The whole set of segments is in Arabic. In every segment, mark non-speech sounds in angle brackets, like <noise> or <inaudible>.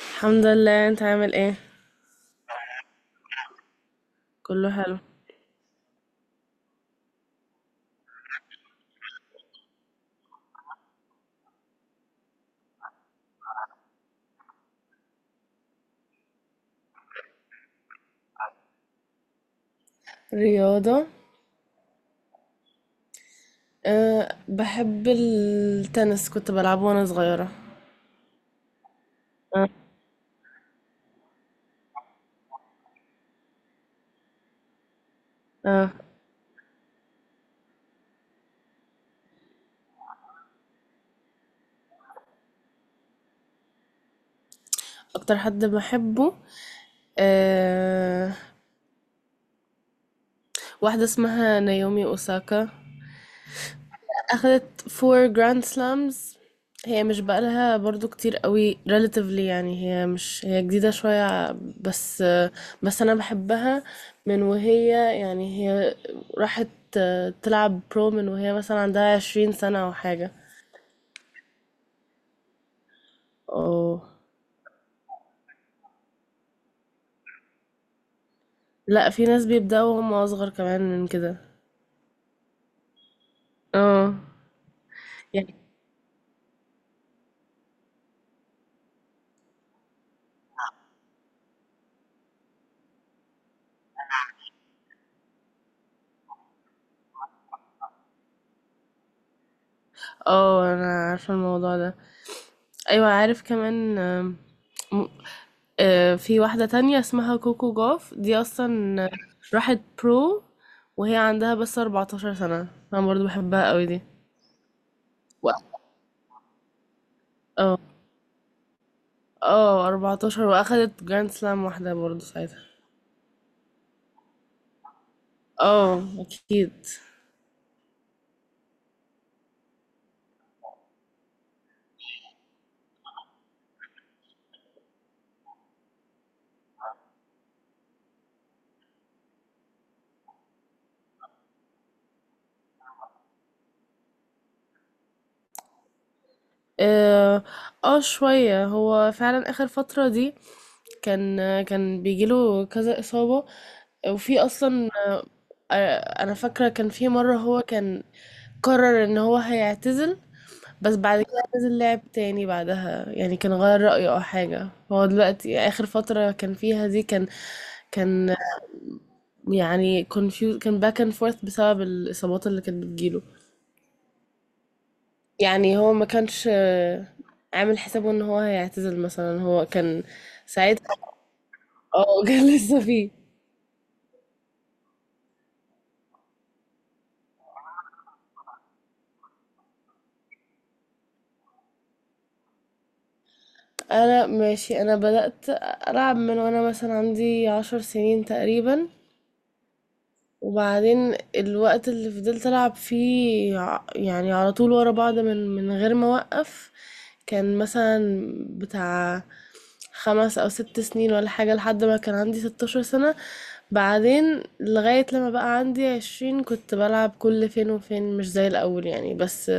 الحمد لله، انت عامل ايه؟ كله حلو. رياضة. أه، بحب التنس، كنت بلعبه وانا صغيرة. أه. أه. اكتر حد بحبه، أه، واحدة اسمها نايومي اوساكا. أخدت 4 grand slams. هي مش بقالها برضو كتير قوي relatively، يعني هي مش هي جديدة شوية. بس بس أنا بحبها، من وهي، يعني هي راحت تلعب برو من وهي مثلا عندها 20 سنة أو حاجة. اه. لا، في ناس بيبدأوا وهم أصغر كمان من كده. اه، يعني اه أنا عارفة الموضوع ده، أيوة عارف كمان. آم، آه، في واحدة تانية اسمها كوكو جاف، دي أصلا راحت برو وهي عندها بس 14 سنة. أنا برضو بحبها قوي دي. و- اه. اه، 14 وأخدت جراند سلام واحدة برضو ساعتها. اه أكيد. اه، شوية. هو فعلا آخر فترة دي كان كان بيجيله كذا إصابة، وفي أصلا، أنا فاكرة كان في مرة هو كان قرر إن هو هيعتزل. بس بعد كده نزل لعب تاني بعدها، يعني كان غير رأيه او حاجة. هو دلوقتي اخر فترة كان فيها دي كان، كان يعني confused، كان باك اند فورث بسبب الاصابات اللي كانت بتجيله. يعني هو ما كانش، عامل حسابه ان هو هيعتزل مثلا، هو كان ساعتها. اه <laughs> كان لسه فيه. انا ماشي، انا بدأت العب من وانا مثلا عندي 10 سنين تقريبا. وبعدين الوقت اللي فضلت ألعب فيه، يعني على طول ورا بعض، من غير ما أوقف، كان مثلا بتاع 5 أو 6 سنين ولا حاجة، لحد ما كان عندي 16 سنة. بعدين لغاية لما بقى عندي 20 كنت بلعب كل فين وفين مش زي الأول يعني. بس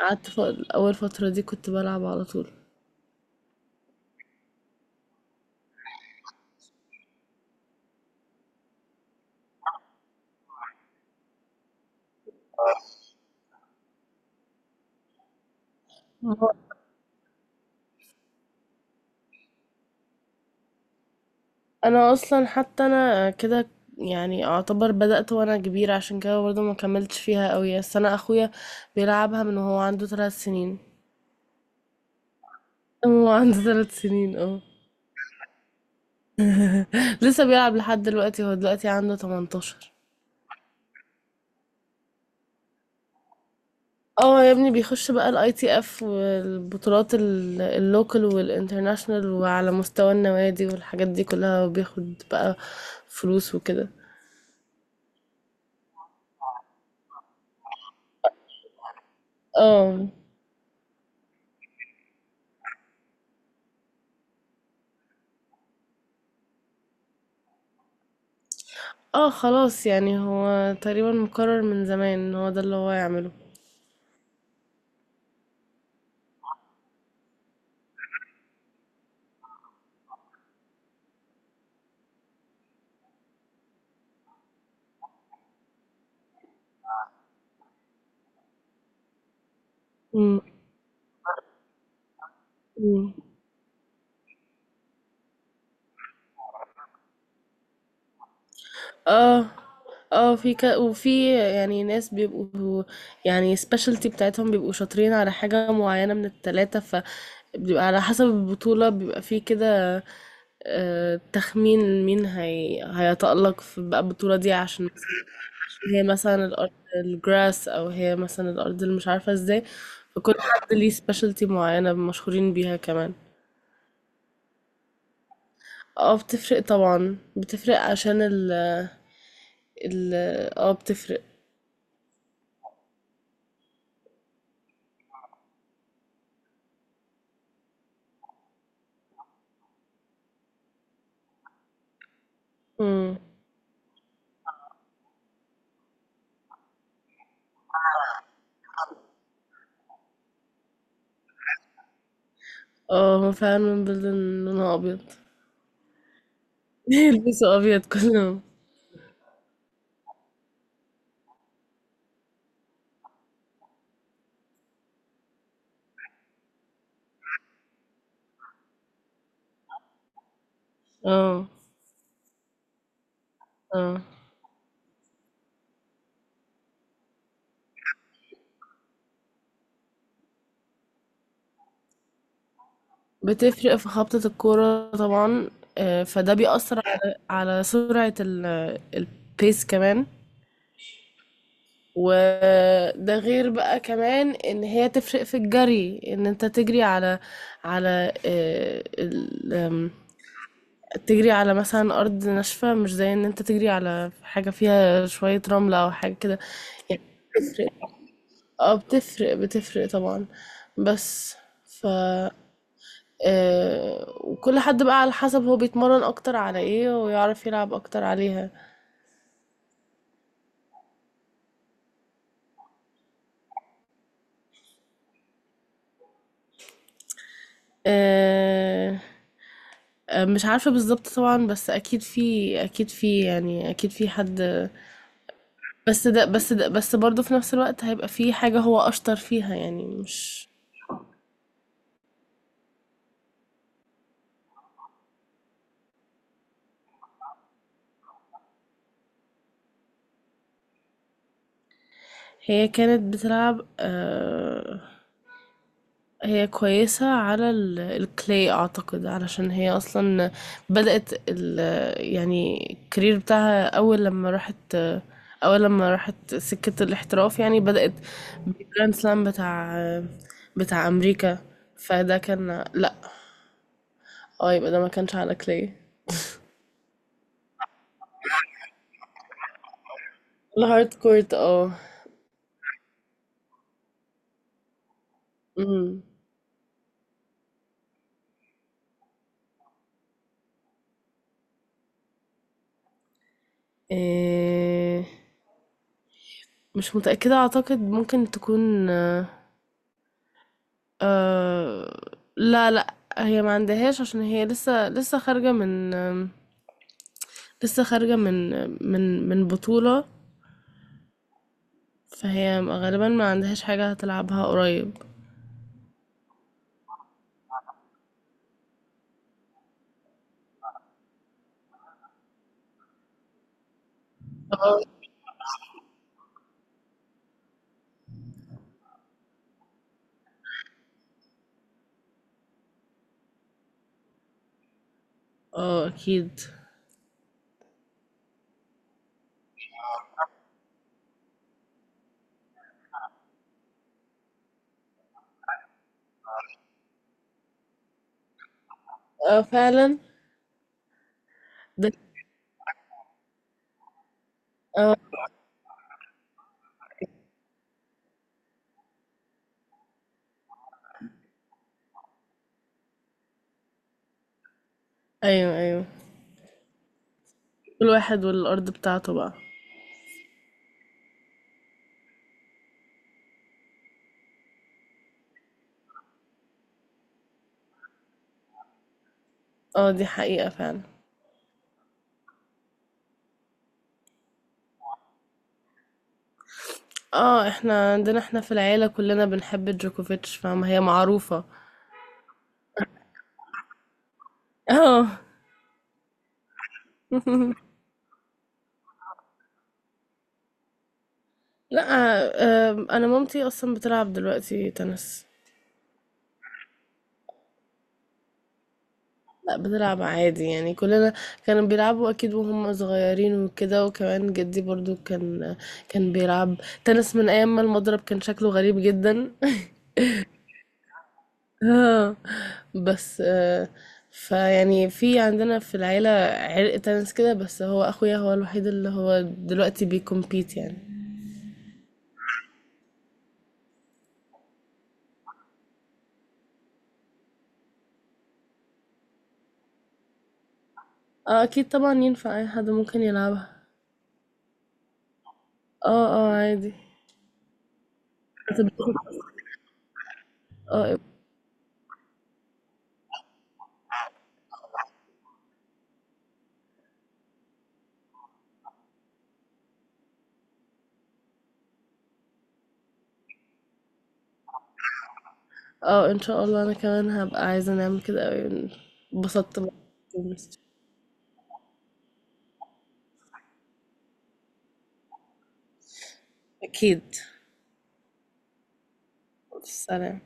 قعدت ف- أول فترة دي كنت بلعب على طول. انا اصلا حتى انا كده، يعني اعتبر بدأت وانا كبيرة، عشان كده برضه ما كملتش فيها قوي. بس انا اخويا بيلعبها من وهو عنده 3 سنين. <laughs> هو عنده 3 سنين، اه. لسه بيلعب لحد دلوقتي، هو دلوقتي عنده 18. اه، يا ابني بيخش بقى الاي تي اف والبطولات اللوكال والانترناشنال، وعلى مستوى النوادي والحاجات دي كلها، وبياخد بقى فلوس وكده. اه. اه خلاص، يعني هو تقريبا مقرر من زمان ان هو ده اللي هو يعمله. إمم، إمم. آه، في ك وفي يعني ناس بيبقوا، يعني specialty بتاعتهم، بيبقوا شاطرين على حاجة معيّنة من ال3، فبيبقى على حسب البطولة بيبقى في كده، تخمين مين هي هيتألق في بقى البطولة دي، عشان هي مثلًا الأرض الgrass، أو هي مثلًا الأرض اللي مش عارفة إزاي. فكل حد ليه specialty معيّنة مشهورين بيها كمان. بتفرق طبعًا، بتفرق عشان ال ال آه، بتفرق. إمم. هو فعلًا Belden لونها أبيض. <laughs> بيلبسوا أبيض كلّهم. آه، آه. بتفرق في خبطة الكورة طبعًا، فده بيأثّر على سرعة الpace كمان. وده غير بقى كمان إن هي تفرق في الجري، إن أنت تجري على على ال آمم، تجري على مثلًا أرض ناشفة، مش زي إن أنت تجري على حاجة فيها شوية رملة أو حاجة كده، يعني بتفرق. بتفرق، بتفرق طبعًا. بس ف وكل حد بقى على حسب هو بيتمرّن أكتر على إيه ويعرف يلعب أكتر عليها. آآ، مش عارفة بالضبط طبعًا. بس أكيد في يعني أكيد في حد. بس برضه في نفس الوقت هيبقى في حاجة هو أشطر فيها، يعني مش. هي كانت بتلعب، هي كويسة على الكلي اعتقد، علشان هي اصلا بدأت يعني الكارير بتاعها، اول لما راحت سكة الاحتراف، يعني بدأت بالجراند سلام بتاع امريكا. فده كان، لا، اه، يبقى ده ما كانش على كلي. الهارد كورت، اه. امم. إيه، مش متأكدة، اعتقد ممكن تكون، أه، لا لا، هي ما عندهاش، عشان هي لسه خارجة من من بطولة. فهي غالبا ما عندهاش حاجة هتلعبها قريب. اه. اه اكيد. اه فعلا. ده. اه. ايوه، ايوه، كل واحد والارض بتاعته بقى. اه دي حقيقة فعلا. اه، احنا عندنا، احنا في العيلة كلنا بنحب جوكوفيتش، فاهمة، هي معروفة. اه. <laughs> لا، آه، انا مامتي اصلا بتلعب دلوقتي تنس. لأ بتلعب عادي يعني، كلنا كانوا بيلعبوا أكيد وهم صغيرين وكده، وكمان جدي برضو كان، كان بيلعب تنس من أيام ما المضرب كان شكله غريب جدا. <laughs> اه، بس آه، فيعني في عندنا في العيلة عرق تنس كده. بس هو أخويا هو الوحيد اللي هو دلوقتي بيكمبيت يعني. اه أكيد طبعا ينفع، أي حد ممكن يلعبها. اه، اه عادي. أنت بتاخد- اه. اه ان شاء الله، انا كمان هبقى عايزة نعمل كده اوي. انبسطت بقى. اكيد. سلام.